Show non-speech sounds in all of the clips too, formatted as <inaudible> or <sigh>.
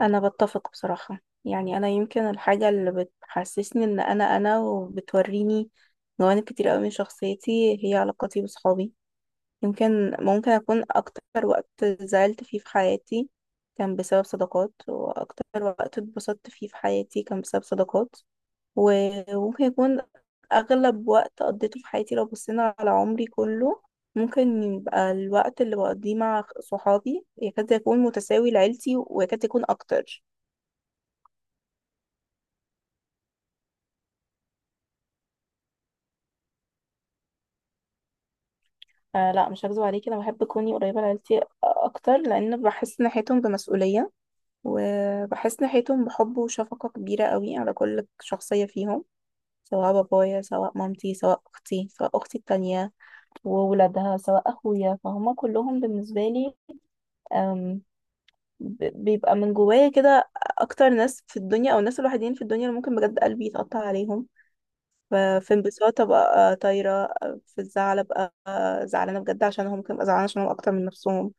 انا بتفق بصراحة. يعني انا يمكن الحاجة اللي بتحسسني ان انا وبتوريني جوانب كتير قوي من شخصيتي هي علاقاتي بصحابي. يمكن ممكن اكون اكتر وقت زعلت فيه في حياتي كان بسبب صداقات، واكتر وقت اتبسطت فيه في حياتي كان بسبب صداقات. وممكن يكون اغلب وقت قضيته في حياتي، لو بصينا على عمري كله، ممكن يبقى الوقت اللي بقضيه مع صحابي يكاد يكون متساوي لعيلتي ويكاد يكون اكتر. آه لا، مش هكذب عليكي، انا بحب كوني قريبه لعيلتي اكتر، لان بحس ناحيتهم بمسؤوليه وبحس ناحيتهم بحب وشفقه كبيره قوي على كل شخصيه فيهم. سواء بابايا، سواء مامتي، سواء اختي، سواء اختي التانية وولادها، سواء اخويا، فهم كلهم بالنسبه لي، آم، بيبقى من جوايا كده اكتر ناس في الدنيا، او الناس الوحيدين في الدنيا اللي ممكن بجد قلبي يتقطع عليهم. في انبساط ابقى طايره، في الزعل ابقى زعلانه بجد عشانهم، ممكن ابقى زعلانه عشانهم اكتر من نفسهم.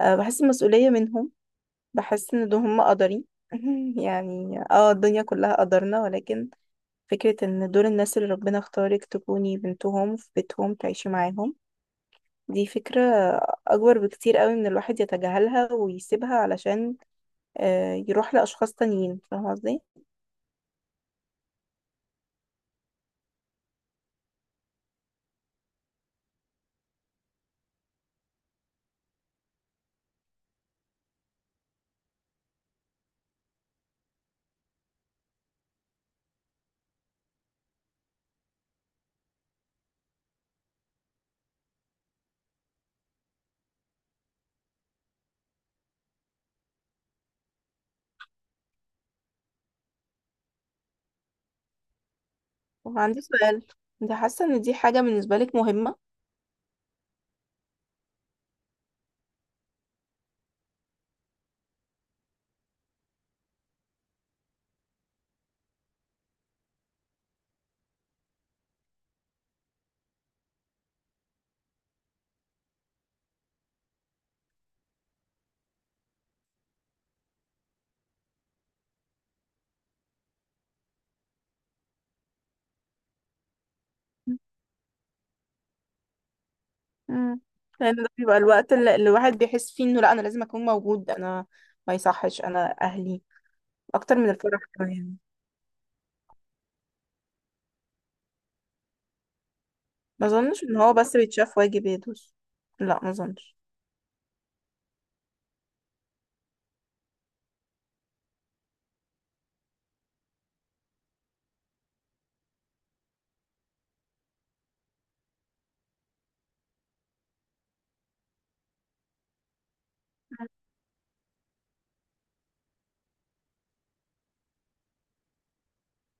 أه، بحس المسؤولية منهم. بحس ان دول هم قدري. <laughs> يعني اه الدنيا كلها قدرنا، ولكن فكرة ان دول الناس اللي ربنا اختارك تكوني بنتهم، في بيتهم تعيشي معاهم، دي فكرة اكبر بكتير قوي من الواحد يتجاهلها ويسيبها علشان آه يروح لاشخاص تانيين. فاهمة قصدي؟ وعندي سؤال، انت حاسة ان دي حاجة بالنسبة لك مهمة؟ مم. لان ده بيبقى الوقت اللي الواحد بيحس فيه انه لا، انا لازم اكون موجود، انا ما يصحش، انا اهلي، اكتر من الفرح كمان. ما اظنش ان هو بس بيتشاف واجب يدوس، لا ما اظنش.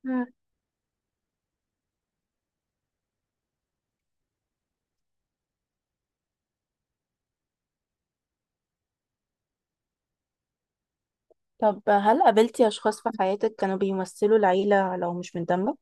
مم. طب هل قابلتي أشخاص في حياتك كانوا بيمثلوا العيلة لو مش من دمك؟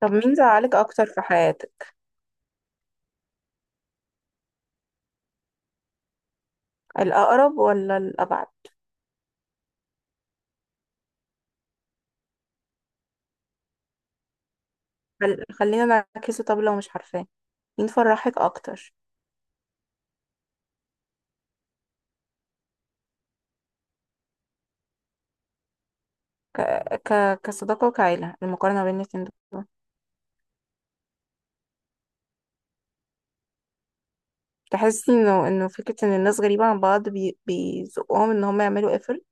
طب مين زعلك اكتر في حياتك، الاقرب ولا الابعد؟ خلينا نعكسه، طب لو مش عارفاه، مين فرحك اكتر؟ ك... كصداقة وكعيلة، المقارنة بين الاتنين دول. تحسي انه فكرة ان الناس غريبة عن بعض بيزقهم ان هم يعملوا قفل؟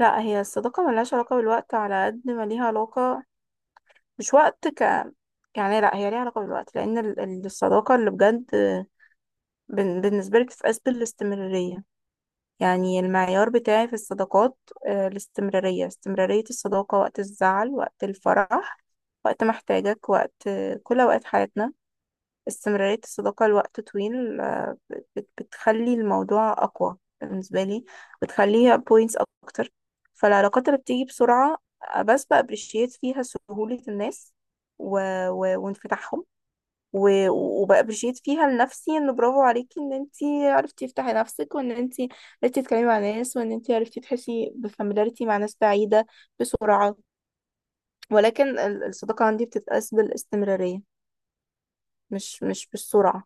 لا، هي الصداقة ملهاش علاقة بالوقت على قد ما ليها علاقة، مش وقت ك، يعني لا، هي ليها علاقة بالوقت، لأن الصداقة اللي بجد، بالنسبة لي بتتقاس بالاستمرارية. يعني المعيار بتاعي في الصداقات، الاستمرارية، استمرارية الصداقة وقت الزعل، وقت الفرح، وقت ما احتاجك، وقت كل أوقات حياتنا. استمرارية الصداقة لوقت طويل بتخلي الموضوع أقوى بالنسبة لي، بتخليها بوينتس أكتر. فالعلاقات اللي بتيجي بسرعة، بس بأبريشيت فيها سهولة الناس و... وانفتاحهم، وبأبريشيت فيها لنفسي إن برافو عليكي، إن أنتي عرفتي تفتحي نفسك، وإن أنتي عرفتي تتكلمي مع ناس، وإن أنتي عرفتي تحسي بفاميلاريتي مع ناس بعيدة بسرعة. ولكن الصداقة عندي بتتقاس بالاستمرارية، مش بالسرعة.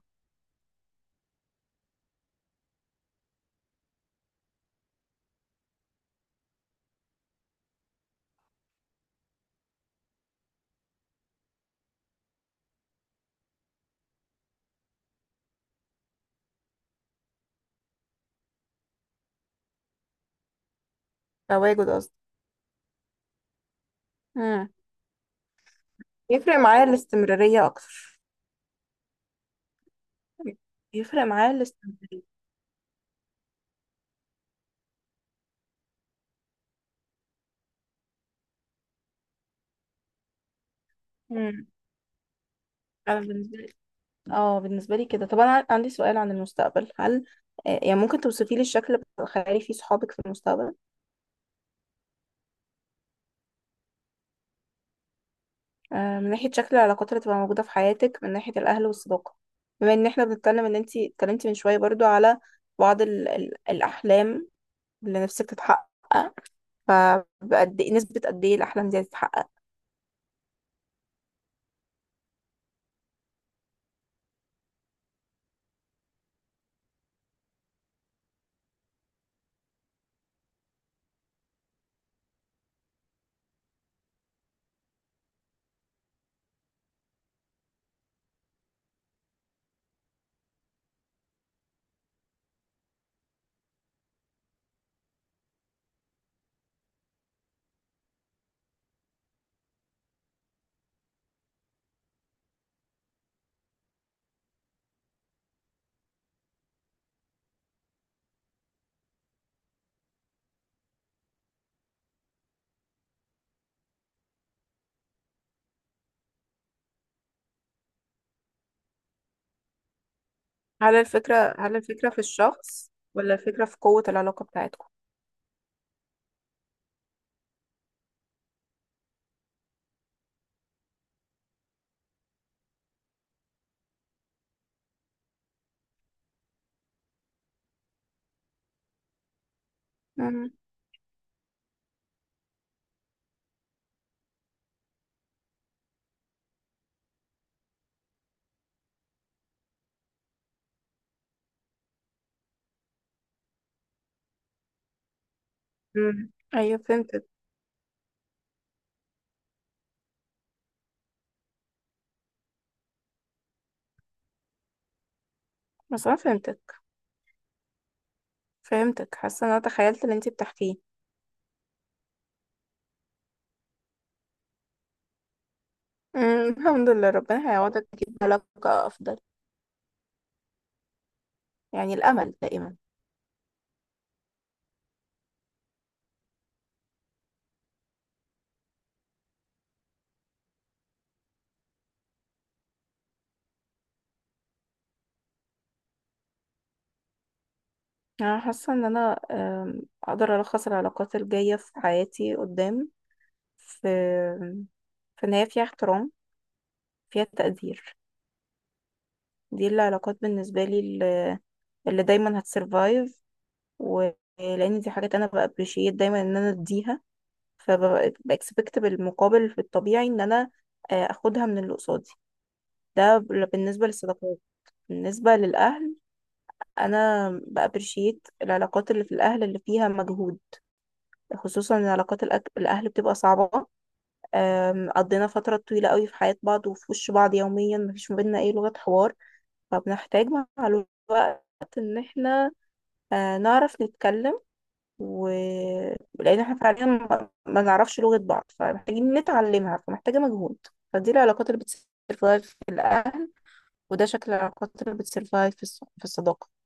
تواجد قصدي. مم. يفرق معايا الاستمرارية أكتر، يفرق معايا الاستمرارية. مم. انا بالنسبه لي، اه بالنسبه لي كده. طب انا عندي سؤال عن المستقبل، هل يعني ممكن توصفي لي الشكل الخيالي في صحابك في المستقبل؟ من ناحيه شكل العلاقات اللي تبقى موجوده في حياتك، من ناحيه الاهل والصداقه، بما ان احنا بنتكلم ان انتي اتكلمتي من شويه برضو على بعض ال ال الاحلام اللي نفسك تتحقق، فبقد ايه، نسبه قد ايه الاحلام دي هتتحقق؟ هل الفكره، هل الفكره في الشخص، ولا الفكره في قوه العلاقه بتاعتكم؟ مم. مم. ايوه فهمتك. بس انا فهمتك، فهمتك، حاسه ان انا تخيلت اللي انت بتحكيه. مم. <laughs> الحمد لله، ربنا هيعوضك يجيب علاقه افضل. يعني الامل دائما. انا حاسه ان انا، اقدر الخص العلاقات الجايه في حياتي قدام في، في ان هي فيها احترام، فيها تقدير. دي العلاقات بالنسبه لي اللي، اللي دايما هتسرفايف، ولان دي حاجات انا بابريشيت دايما ان انا اديها، فبكسبكت بالمقابل في الطبيعي ان انا اخدها من اللي قصادي. ده بالنسبة للصداقات. بالنسبة للأهل، أنا بأبريشيت العلاقات اللي في الأهل اللي فيها مجهود، خصوصا إن علاقات الأهل بتبقى صعبة. قضينا فترة طويلة قوي في حياة بعض وفي وش بعض يوميا، مفيش ما بينا أي لغة حوار، فبنحتاج مع الوقت إن احنا نعرف نتكلم. ولان احنا فعليا ما نعرفش لغة بعض، فمحتاجين نتعلمها، فمحتاجة مجهود. فدي العلاقات اللي بتسرفايف، وده شكل العلاقات اللي بتسرفايف في في الصداقة.